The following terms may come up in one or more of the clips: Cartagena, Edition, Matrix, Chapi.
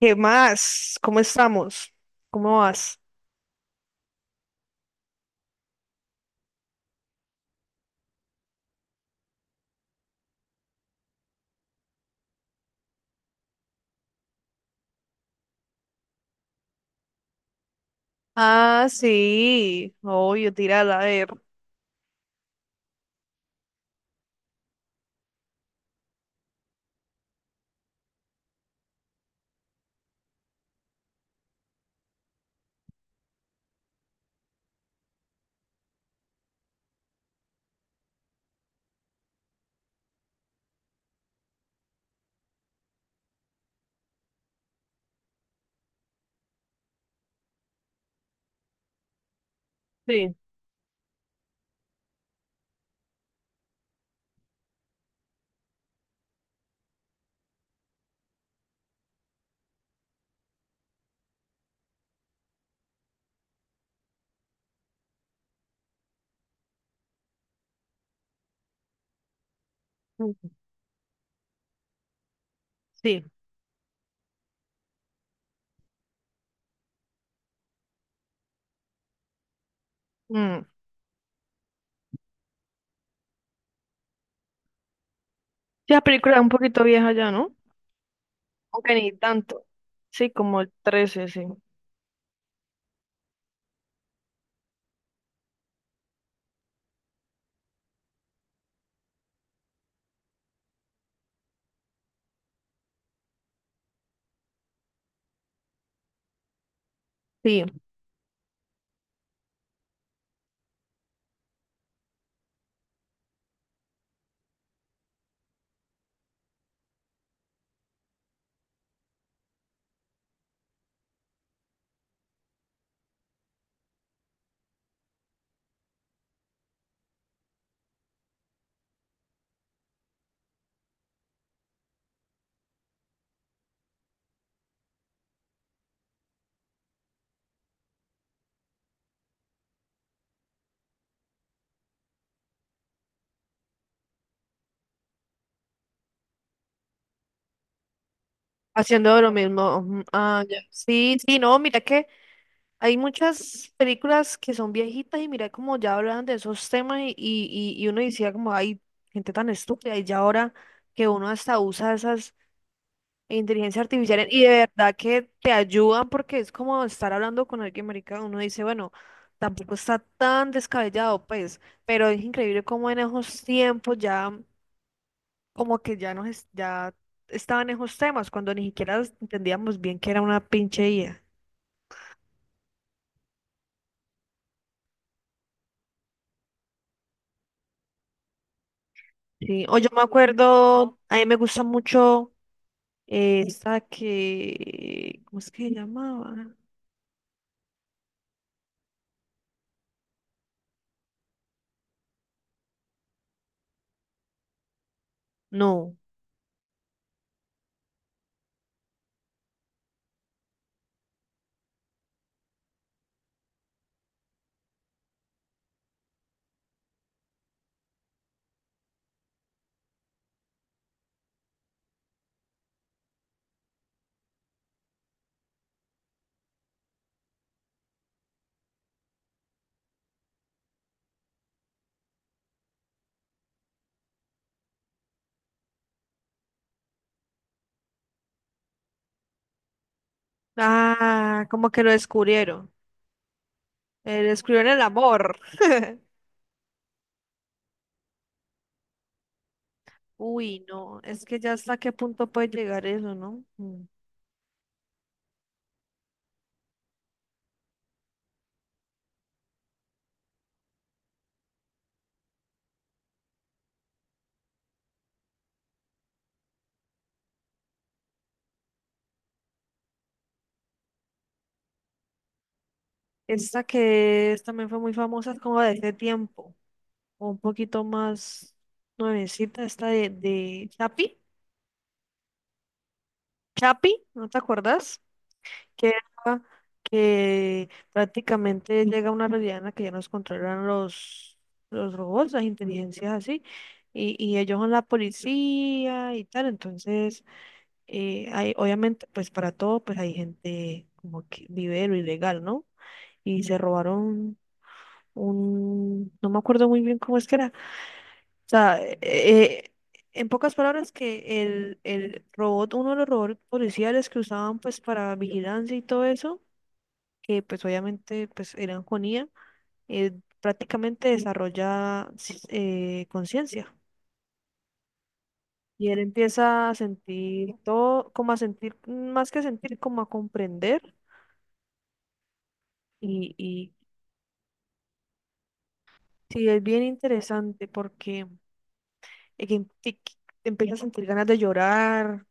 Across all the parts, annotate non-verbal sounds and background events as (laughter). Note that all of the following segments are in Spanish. ¿Qué más? ¿Cómo estamos? ¿Cómo vas? Ah, sí. Obvio, tírala, a ver. Sí, mm, sí. Mm. Sí, la película es un poquito vieja ya, ¿no? Aunque ni tanto. Sí, como el 13, sí. Sí, haciendo lo mismo. Ujú. Ah, ya. Sí, sí, no, mira que hay muchas películas que son viejitas y mira como ya hablan de esos temas y uno decía como, hay gente tan estúpida y ya ahora que uno hasta usa esas. E inteligencia artificial y de verdad que te ayudan porque es como estar hablando con alguien, marica. Uno dice, bueno, tampoco está tan descabellado, pues, pero es increíble cómo en esos tiempos ya, como que ya nos, ya estaban esos temas, cuando ni siquiera entendíamos bien que era una pinche IA. Sí, o yo me acuerdo, a mí me gusta mucho esta que, ¿cómo es que se llamaba? No, ah, como que lo descubrieron, descubrieron el amor. (laughs) Uy, no, es que ya hasta qué punto puede llegar eso, ¿no? Mm. Esta que también fue muy famosa, es como de ese tiempo, o un poquito más nuevecita, esta de Chapi. Chapi, ¿no te acuerdas? Que, era- que prácticamente llega una realidad en la que ya nos controlan los robots, las inteligencias así, y ellos son la policía y tal, entonces... Hay, obviamente, pues para todo, pues hay gente como que vive de lo ilegal, ¿no? Y se robaron un, no me acuerdo muy bien cómo es que era. O sea, en pocas palabras que el robot, uno de los robots policiales que usaban pues para vigilancia y todo eso, que pues obviamente pues eran con IA, eh, prácticamente desarrolla conciencia. Y él empieza a sentir todo, como a sentir, más que sentir, como a comprender. Y sí, es bien interesante porque que te empiezas a sentir ganas de llorar.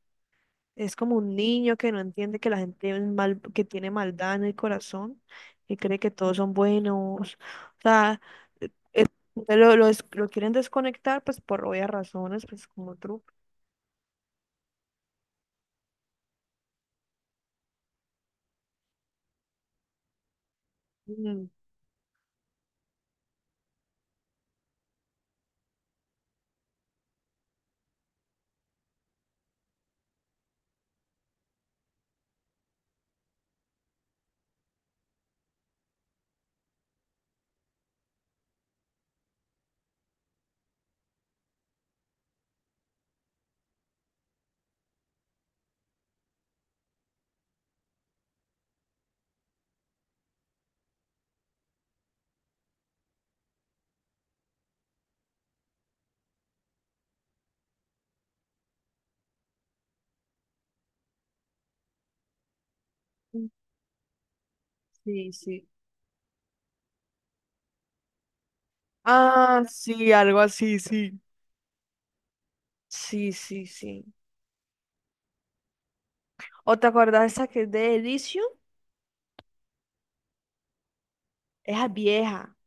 Es como un niño que no entiende que la gente es mal, que tiene maldad en el corazón y cree que todos son buenos. O sea, eh, eh, lo, lo quieren desconectar pues por obvias razones, pues como truco. Mm, mm. Sí, sí. Ah, sí, algo así, sí. Sí, sí, sí. ¿O te acordás esa que es de Edition? Esa es vieja.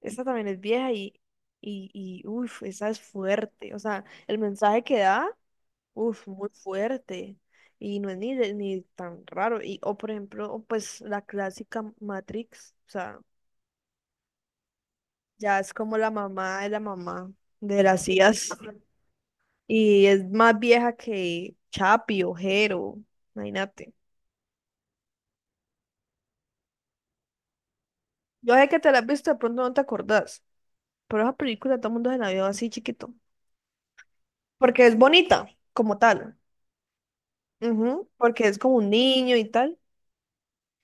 Esta también es vieja y uff, esa es fuerte. O sea, el mensaje que da, uff, muy fuerte. Y no es ni, ni tan raro. Y, o por ejemplo, pues la clásica Matrix. O sea, ya es como la mamá de las IAs. Y es más vieja que Chapi o Jero. Imagínate. Yo sé que te la has visto, de pronto no te acordás. Pero esa película todo el mundo se la vio así chiquito. Porque es bonita, como tal. Ujú, porque es como un niño y tal.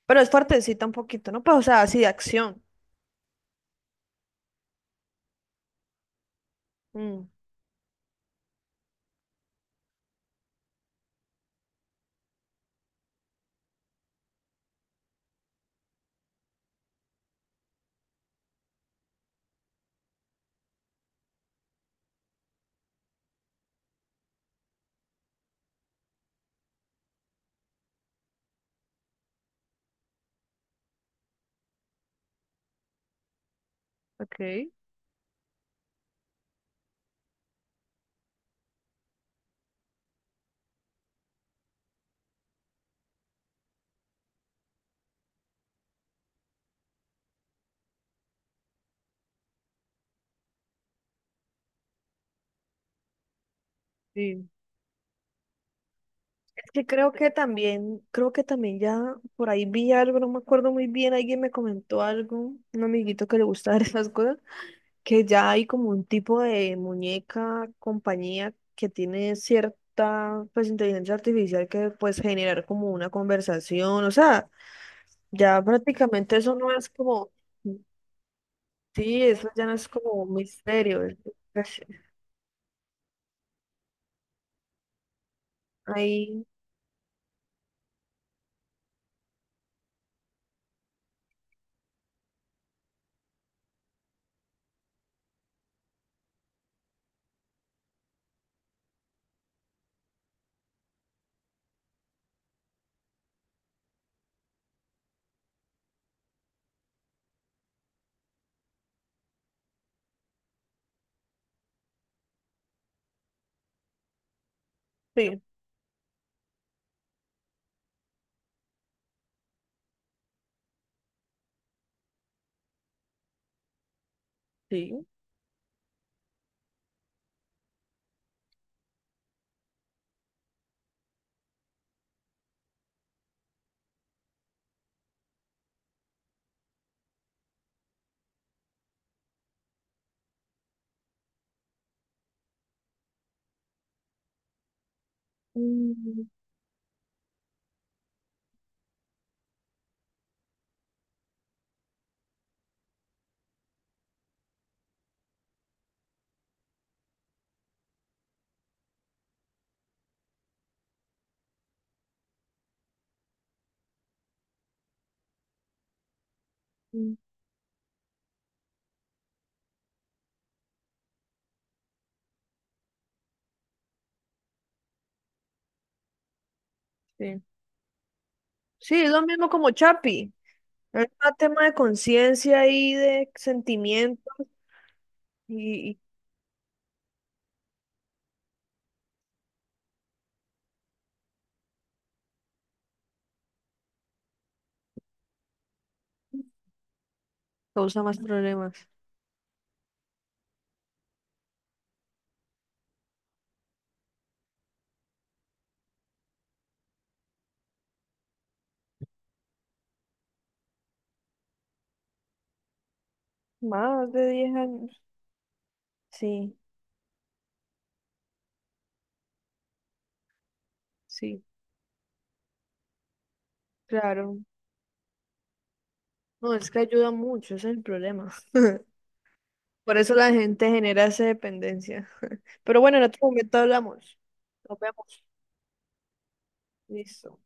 Pero es fuertecita un poquito, ¿no? Pues, o sea, así de acción. Mm. Ok, sí. Es que creo que también ya por ahí vi algo, no me acuerdo muy bien, alguien me comentó algo, un amiguito que le gusta (laughs) ver esas cosas, que ya hay como un tipo de muñeca, compañía que tiene cierta, pues, inteligencia artificial que puedes generar como una conversación, o sea, ya prácticamente eso no es como... Sí, eso ya no es como un misterio. Es- Ahí, sí, sí. Mm, mm. Sí. Sí, es lo mismo como Chapi. Es un tema de conciencia y de sentimiento y causa más problemas. Más de 10 años. Sí, sí, claro. No, es que ayuda mucho, ese es el problema. Por eso la gente genera esa dependencia. Pero bueno, en otro momento hablamos. Nos vemos. Listo.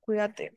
Cuídate.